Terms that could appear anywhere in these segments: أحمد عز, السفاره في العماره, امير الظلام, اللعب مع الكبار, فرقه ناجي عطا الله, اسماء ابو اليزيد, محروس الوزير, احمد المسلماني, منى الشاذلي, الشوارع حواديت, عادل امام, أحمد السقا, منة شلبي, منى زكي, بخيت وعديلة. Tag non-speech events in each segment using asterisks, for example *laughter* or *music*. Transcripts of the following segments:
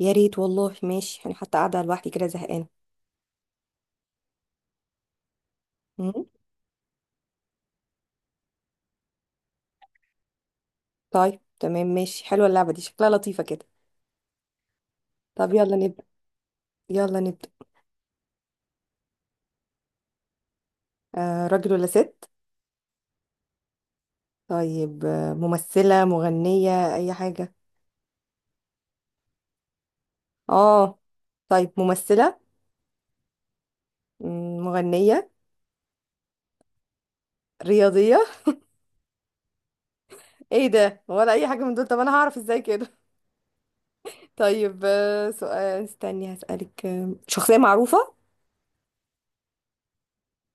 يا ريت والله، ماشي. انا حتى قاعده لوحدي كده زهقانه. مم. طيب تمام، ماشي. حلوه اللعبه دي، شكلها لطيفه كده. طب يلا نبدا، يلا نبدا. راجل ولا ست؟ طيب ممثله، مغنيه، اي حاجه؟ اه. طيب ممثله. مغنيه، رياضيه؟ ايه ده؟ ولا اي حاجه من دول؟ طب انا هعرف ازاي كده؟ *laughs* طيب سؤال، استني هسالك، شخصيه معروفه؟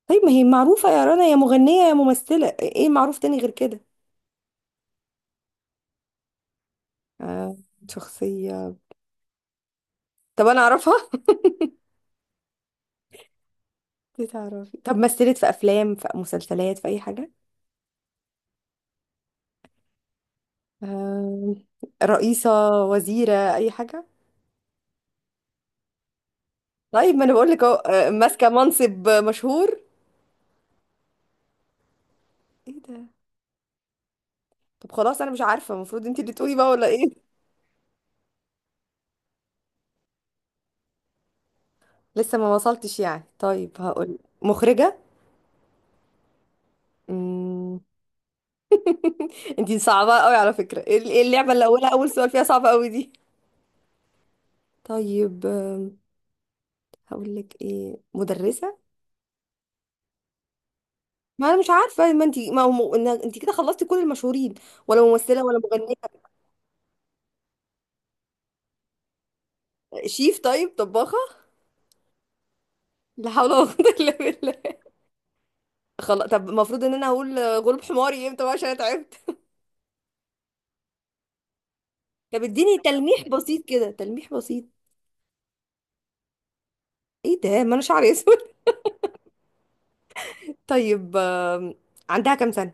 طيب ما هي معروفه يا رنا، يا مغنيه يا ممثله، ايه معروف تاني غير كده؟ آه شخصيه؟ طب انا اعرفها؟ دي تعرفي، طب مثلت في افلام، في مسلسلات، في اي حاجه؟ آه، رئيسه، وزيره، اي حاجه؟ طيب ما انا بقول لك اهو، ماسكه منصب مشهور. ايه ده؟ طب خلاص، انا مش عارفه، المفروض انت اللي تقولي بقى ولا ايه؟ *laughs* لسه ما وصلتش يعني. طيب هقول مخرجه. امم انت صعبه قوي على فكره. ايه إيه اللعبه اللي اولها اول سؤال فيها صعبه قوي دي؟ طيب هقول لك ايه، مدرسه. ما انا مش عارفه، ما هو انت كده خلصتي كل المشهورين، ولا ممثله ولا مغنيه. شيف، طيب طباخة. لا حول ولا قوة إلا بالله. خلاص، طب المفروض ان انا هقول غلب حماري امتى بقى؟ عشان انا تعبت. طب اديني تلميح بسيط كده، تلميح بسيط. ايه ده؟ ما انا شعري اسود. *laughs* طيب عندها كام سنة؟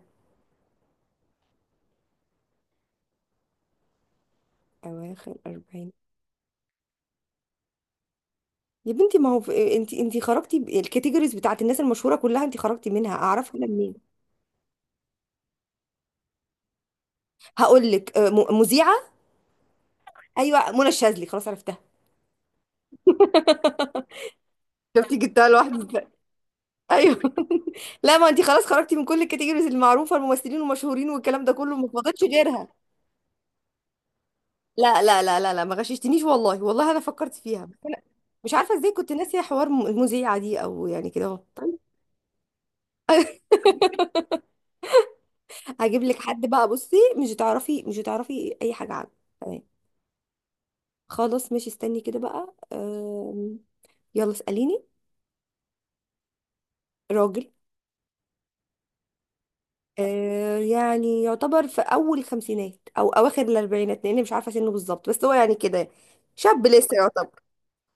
اواخر 40. يا بنتي ما هو في... انت خرجتي الكاتيجوريز بتاعت الناس المشهورة كلها، انت خرجتي منها، اعرفها انا منين؟ هقول لك مذيعة. ايوه منى الشاذلي، خلاص عرفتها. *laughs* شفتي، جبتها لوحدي. ايوه. *laughs* لا، ما انت خلاص خرجتي من كل الكاتيجوريز المعروفه، الممثلين والمشهورين والكلام ده كله، ما فضلش غيرها. لا لا لا لا لا، ما غششتنيش والله، والله انا فكرت فيها، بس انا مش عارفه ازاي كنت ناسيه حوار المذيعه دي، او يعني كده اهو. *laughs* هجيب لك حد بقى، بصي، مش هتعرفي اي حاجه عنه. تمام. خلاص ماشي، استني كده بقى. يلا اساليني. راجل. يعني يعتبر في اول الخمسينات او اواخر الاربعينات، لاني مش عارفه سنه بالظبط، بس هو يعني كده شاب لسه.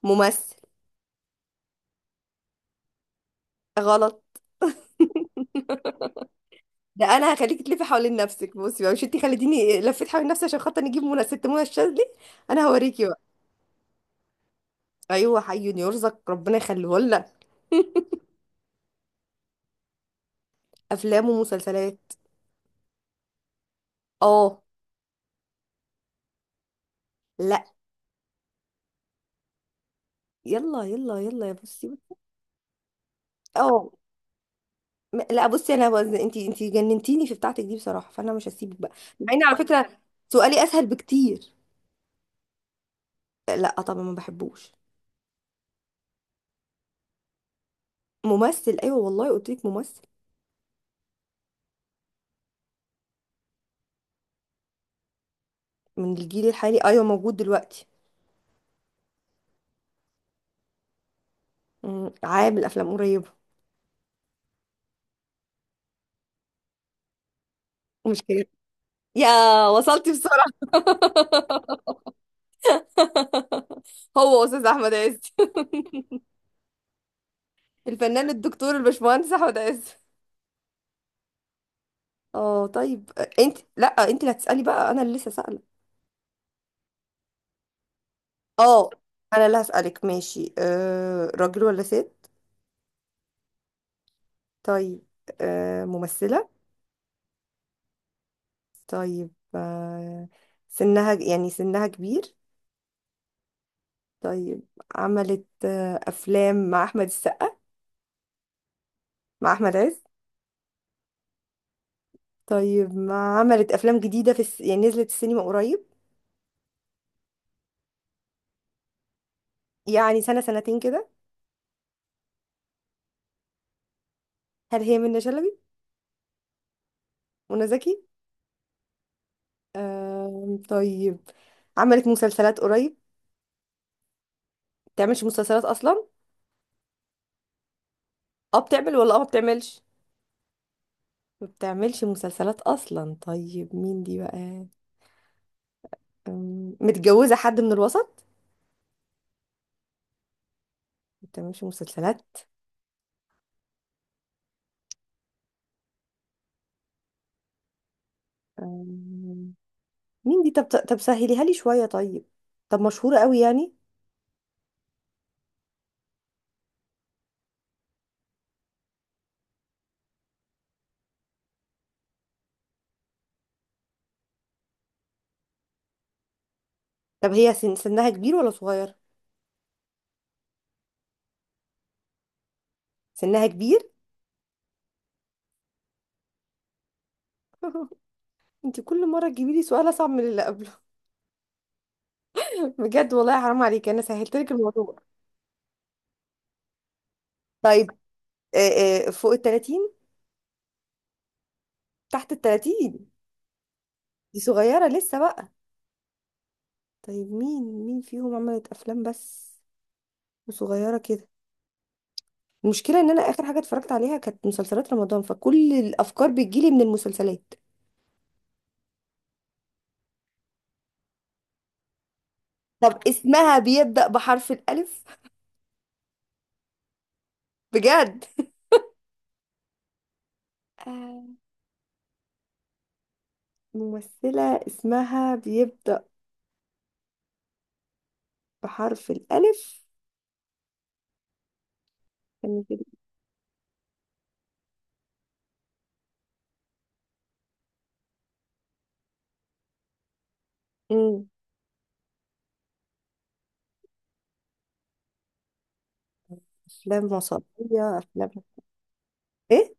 ممثل. غلط. ده انا هخليكي تلفي حوالين نفسك، بصي بقى، مش انتي خليتيني لفيت حوالين نفسي عشان خاطر نجيب منى الشاذلي، انا هوريكي بقى. ايوه حي يرزق، ربنا يخليه لنا. افلام ومسلسلات. اه. لا. يلا يلا يلا يا بصي. اه. لا بصي، انا وزن انتي، جننتيني في بتاعتك دي بصراحه، فانا مش هسيبك بقى. مع ان على فكره سؤالي اسهل بكتير. لا طبعا، ما بحبوش. ممثل، ايوه والله قلت لك ممثل. من الجيل الحالي، ايوه موجود دلوقتي. عامل افلام قريبه. مش كده. يا وصلتي بسرعة. هو أستاذ أحمد عز. *laughs* الفنان الدكتور الباشمهندس أحمد عز. اه طيب. انت لا انت اللي هتسألي بقى، أنا اللي لسه سائلة. اه. أنا اللي هسألك ماشي. راجل ولا ست؟ طيب، ممثلة. طيب سنها كبير؟ طيب عملت أفلام مع أحمد السقا؟ مع أحمد عز؟ طيب، ما عملت أفلام جديدة في الس... يعني نزلت السينما قريب؟ يعني سنة سنتين كده. هل هي منة شلبي؟ منى زكي؟ طيب، عملت مسلسلات قريب؟ بتعملش مسلسلات اصلا؟ اه بتعمل، ولا اه ما بتعملش؟ ما بتعملش مسلسلات اصلا، طيب مين دي بقى؟ متجوزة حد من الوسط؟ ما بتعملش مسلسلات. أم، مين دي؟ طب سهليها لي شوية، طيب. طب مشهورة قوي يعني؟ طب هي سنها كبير ولا صغير؟ سنها كبير؟ *laughs* انت كل مرة تجيبي لي سؤال اصعب من اللي قبله. *laughs* بجد والله حرام عليك، انا سهلت لك الموضوع. طيب، فوق ال 30؟ تحت ال 30؟ دي صغيرة لسه بقى. طيب مين فيهم عملت أفلام بس؟ وصغيرة كده. المشكلة إن أنا آخر حاجة اتفرجت عليها كانت مسلسلات رمضان، فكل الأفكار بتجيلي من المسلسلات. طب اسمها بيبدأ بحرف الألف؟ بجد؟ آه، ممثلة اسمها بيبدأ بحرف الألف، كان كده. مم. أفلام إيه؟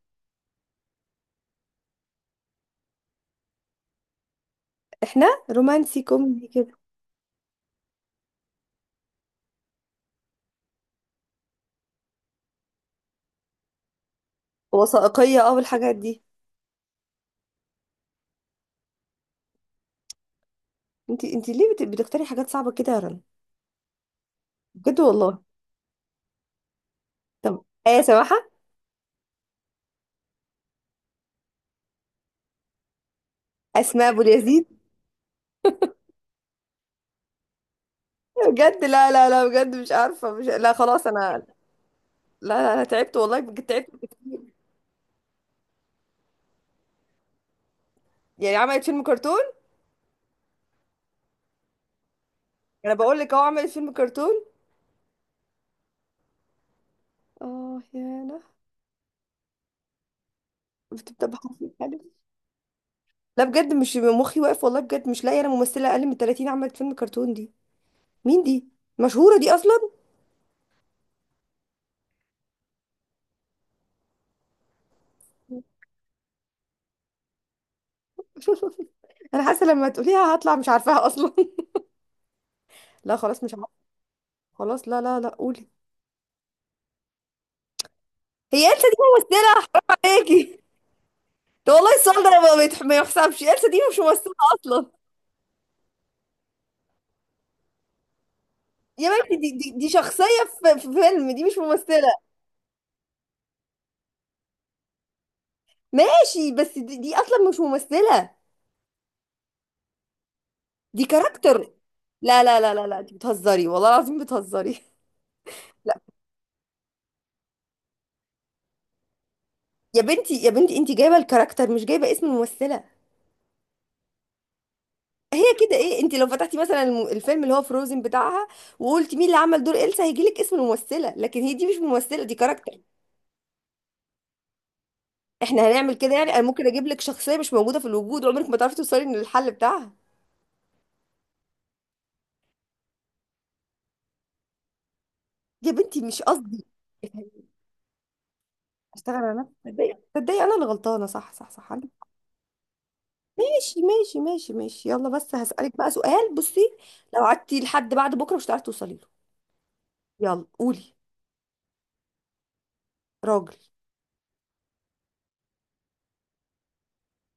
إحنا رومانسي كوميدي كده. وثائقية والحاجات دي. أنت ليه بتختاري حاجات صعبة كده يا رنا؟ بجد والله. طب ايه سماحة؟ اسماء ابو اليزيد؟ بجد لا لا لا، بجد مش عارفه، مش، لا خلاص انا، لا. لا انا تعبت والله، بجد تعبت كتير. يعني عملت فيلم كرتون؟ انا بقول لك اهو، عملت فيلم كرتون. اه يا انا، بتبقى حرف الألف. لا بجد مش مخي واقف والله، بجد مش لاقيه انا ممثله اقل من 30 عملت فيلم كرتون دي. مين دي؟ مشهوره دي اصلا؟ *laughs* انا حاسه لما تقوليها هطلع مش عارفاها اصلا. *laughs* لا خلاص مش عارفه. خلاص، لا لا لا، قولي. هي إلسا دي ممثله؟ عليكي. ده والله السؤال ده ما يحسبش، إلسا دي مش ممثله اصلا. يا بنتي، دي شخصية في فيلم، دي مش ممثلة. ماشي بس دي أصلا مش ممثلة، دي كاركتر. لا لا لا لا لا، انت بتهزري والله العظيم بتهزري. *laughs* يا بنتي يا بنتي، انت جايبة الكاركتر، مش جايبة اسم الممثلة. هي كده ايه؟ انت لو فتحتي مثلا الفيلم اللي هو فروزن بتاعها، وقلت مين اللي عمل دور إلسا، هيجيلك اسم الممثلة، لكن هي دي مش ممثلة، دي كاركتر. احنا هنعمل كده يعني؟ انا ممكن اجيب لك شخصية مش موجودة في الوجود، وعمرك ما تعرفي توصلي للحل بتاعها. يا بنتي مش قصدي. اشتغل على نفسي؟ تصدقي تصدقي انا اللي غلطانه، صح صح صح. ماشي ماشي ماشي ماشي، يلا بس هسألك بقى سؤال، بصي. لو قعدتي لحد بعد بكره مش هتعرفي توصلي له. يلا قولي. راجل.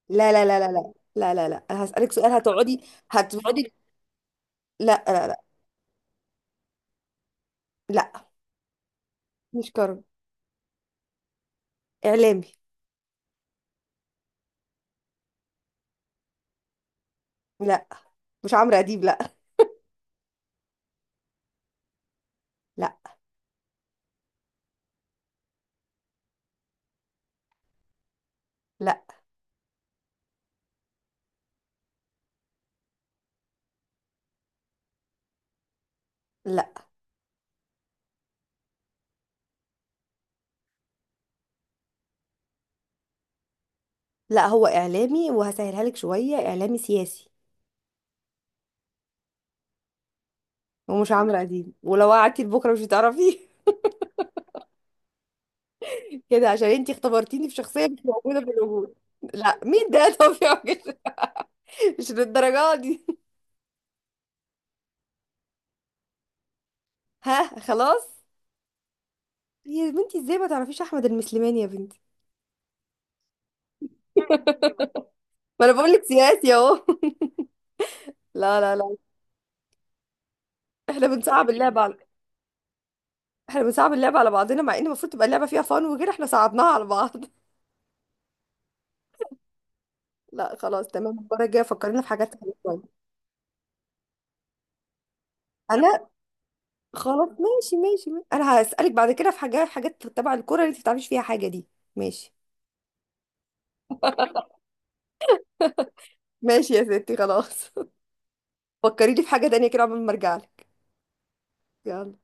لا لا لا لا لا لا لا لا، انا هسألك سؤال هتقعدي. هتقعدي. لا لا لا. لا، مش كرم. اعلامي. لا، مش عمرو اديب، لا. لا. لا لا لا هو اعلامي، وهسهلها لك شويه، اعلامي سياسي. ومش عمرو اديب، ولو قعدتي لبكره مش هتعرفيه. كده عشان انتي اختبرتيني في شخصية مش موجودة في الوجود. لا، مين ده؟ *laughs* طب يا راجل، مش للدرجة دي. ها، خلاص. يا بنتي، ازاي ما تعرفيش احمد المسلماني يا بنتي؟ ما انا بقول لك سياسي اهو. *laughs* لا لا لا. احنا بنصعب اللعبة على احنا بنصعب اللعبة على بعضنا، مع ان المفروض تبقى اللعبة فيها فن وكده، احنا صعبناها على بعض. *laughs* لا خلاص تمام، المرة الجاية فكرنا في حاجات تانية شوية. انا خلاص ماشي ماشي ماشي. انا هسألك بعد كده في حاجات، تبع الكورة اللي انت ما بتعرفيش فيها حاجة دي. ماشي ماشي يا ستي، خلاص. فكريني في حاجة تانية كده قبل ما ارجعلك. يلا.